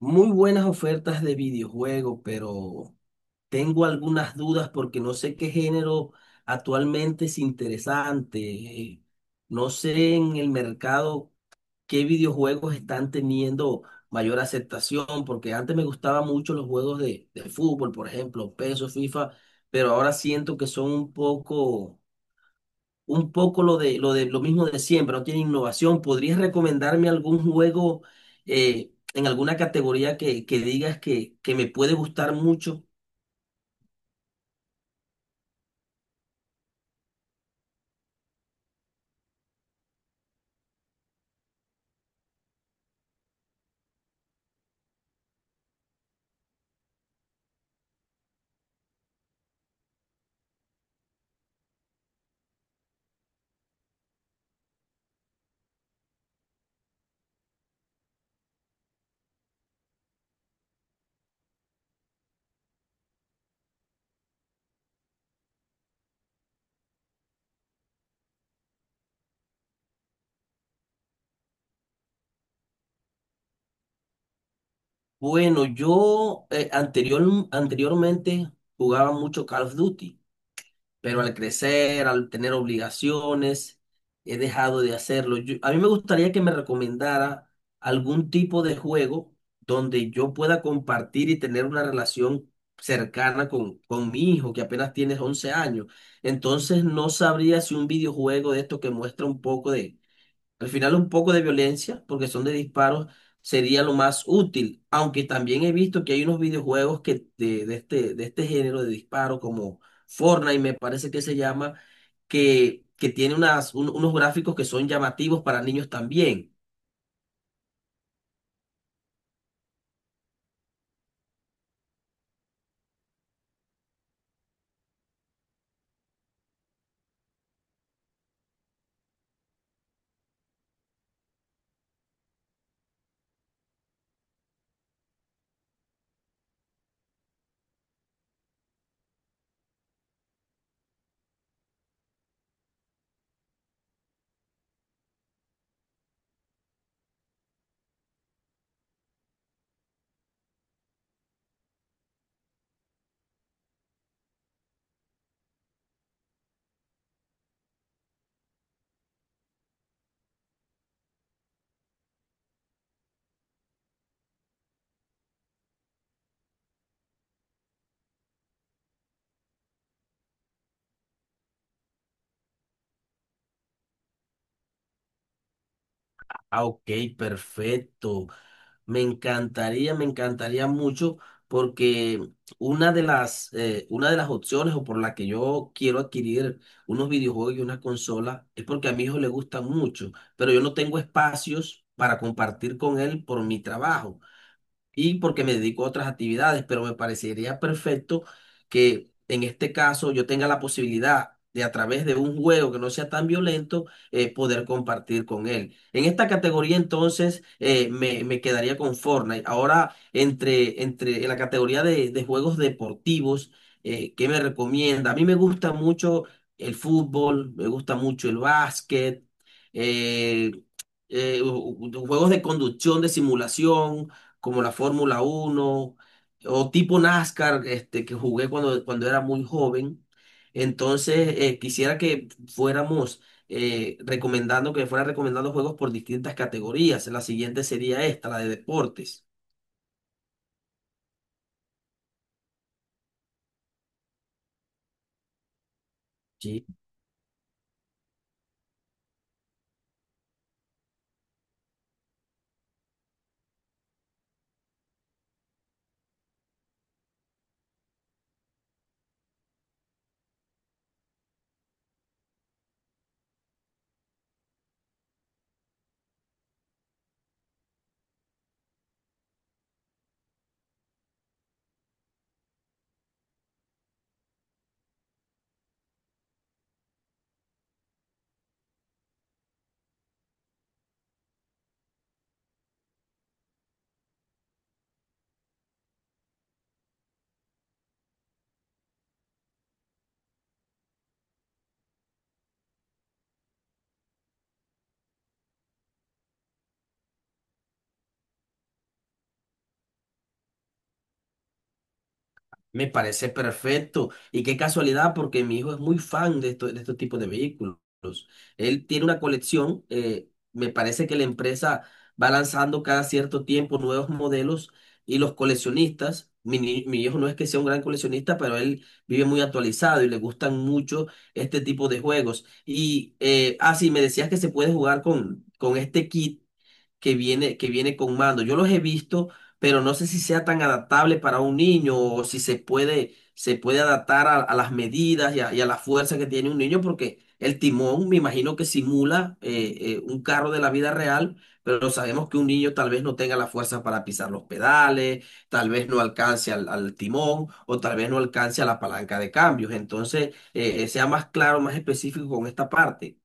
Muy buenas ofertas de videojuegos, pero tengo algunas dudas porque no sé qué género actualmente es interesante. No sé en el mercado qué videojuegos están teniendo mayor aceptación, porque antes me gustaban mucho los juegos de fútbol, por ejemplo, PESO, FIFA, pero ahora siento que son un poco lo mismo de siempre, no tiene innovación. ¿Podrías recomendarme algún juego en alguna categoría que digas que me puede gustar mucho? Bueno, yo anteriormente jugaba mucho Call of Duty, pero al crecer, al tener obligaciones, he dejado de hacerlo. A mí me gustaría que me recomendara algún tipo de juego donde yo pueda compartir y tener una relación cercana con mi hijo, que apenas tiene 11 años. Entonces no sabría si un videojuego de esto que muestra un poco de al final un poco de violencia, porque son de disparos, sería lo más útil. Aunque también he visto que hay unos videojuegos que de este género de disparo, como Fortnite, me parece que se llama, que tiene unos gráficos que son llamativos para niños también. Ah, ok, perfecto. Me encantaría mucho porque una de las opciones o por la que yo quiero adquirir unos videojuegos y una consola es porque a mi hijo le gusta mucho, pero yo no tengo espacios para compartir con él por mi trabajo y porque me dedico a otras actividades, pero me parecería perfecto que en este caso yo tenga la posibilidad de, a través de un juego que no sea tan violento, poder compartir con él. En esta categoría entonces me quedaría con Fortnite. Ahora, entre en la categoría de juegos deportivos, ¿qué me recomienda? A mí me gusta mucho el fútbol, me gusta mucho el básquet, eh, juegos de conducción, de simulación, como la Fórmula 1 o tipo NASCAR, este, que jugué cuando era muy joven. Entonces, quisiera que me fuera recomendando juegos por distintas categorías. La siguiente sería esta, la de deportes. Me parece perfecto. Y qué casualidad, porque mi hijo es muy fan de estos tipos de vehículos. Él tiene una colección. Me parece que la empresa va lanzando cada cierto tiempo nuevos modelos, y los coleccionistas, mi hijo no es que sea un gran coleccionista, pero él vive muy actualizado y le gustan mucho este tipo de juegos. Y sí, me decías que se puede jugar con este kit que viene con mando. Yo los he visto, pero no sé si sea tan adaptable para un niño, o si se puede adaptar a las medidas y a la fuerza que tiene un niño, porque el timón me imagino que simula un carro de la vida real, pero sabemos que un niño tal vez no tenga la fuerza para pisar los pedales, tal vez no alcance al timón, o tal vez no alcance a la palanca de cambios. Entonces, sea más claro, más específico con esta parte.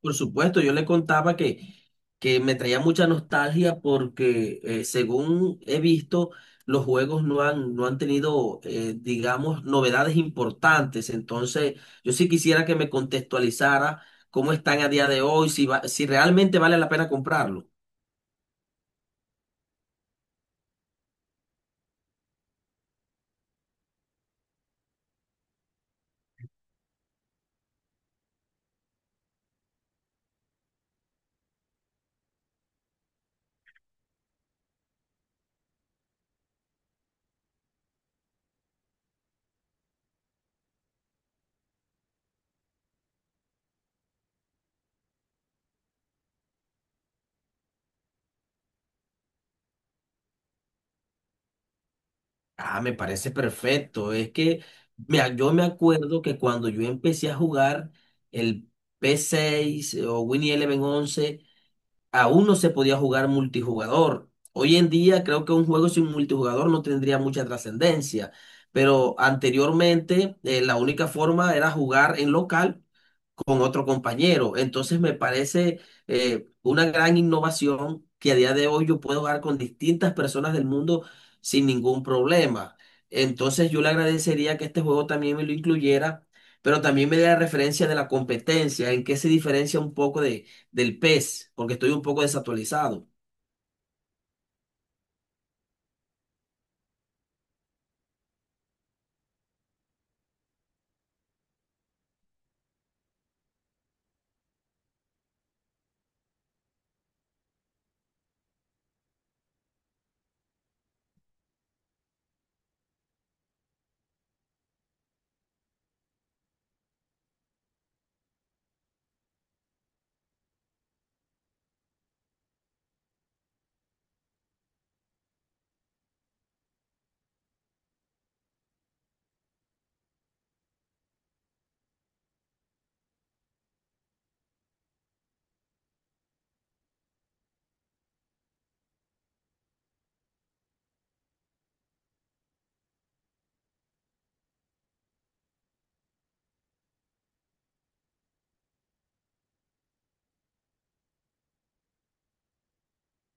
Por supuesto, yo le contaba que me traía mucha nostalgia porque, según he visto, los juegos no han tenido, digamos, novedades importantes. Entonces, yo sí quisiera que me contextualizara cómo están a día de hoy, si realmente vale la pena comprarlo. Ah, me parece perfecto. Es que mira, yo me acuerdo que cuando yo empecé a jugar el P6 o Winnie Eleven 11 aún no se podía jugar multijugador. Hoy en día creo que un juego sin multijugador no tendría mucha trascendencia, pero anteriormente la única forma era jugar en local con otro compañero. Entonces me parece una gran innovación que a día de hoy yo puedo jugar con distintas personas del mundo sin ningún problema. Entonces yo le agradecería que este juego también me lo incluyera, pero también me dé la referencia de la competencia, en qué se diferencia un poco del PES, porque estoy un poco desactualizado.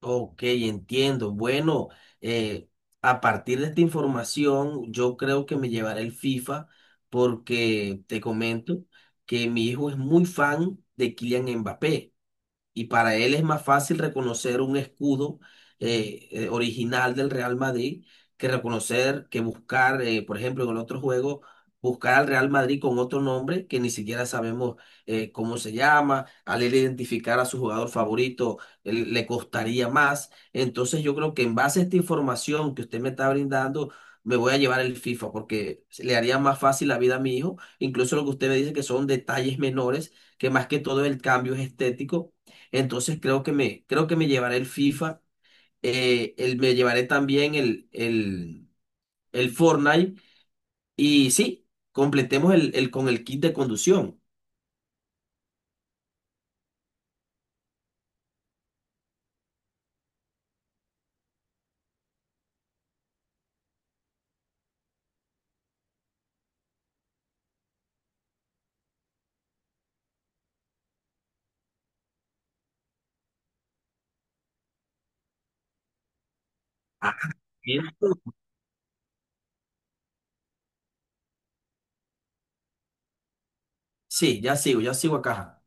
Ok, entiendo. Bueno, eh, a partir de esta información, yo creo que me llevaré el FIFA, porque te comento que mi hijo es muy fan de Kylian Mbappé y para él es más fácil reconocer un escudo original del Real Madrid, que reconocer, que buscar, por ejemplo, en el otro juego, buscar al Real Madrid con otro nombre que ni siquiera sabemos cómo se llama. Al él identificar a su jugador favorito, le costaría más. Entonces yo creo que, en base a esta información que usted me está brindando, me voy a llevar el FIFA, porque le haría más fácil la vida a mi hijo, incluso lo que usted me dice, que son detalles menores, que más que todo el cambio es estético. Entonces creo que me llevaré el FIFA, me llevaré también el Fortnite, y sí, completemos el con el kit de conducción. Ah, bien. Sí, ya sigo acá.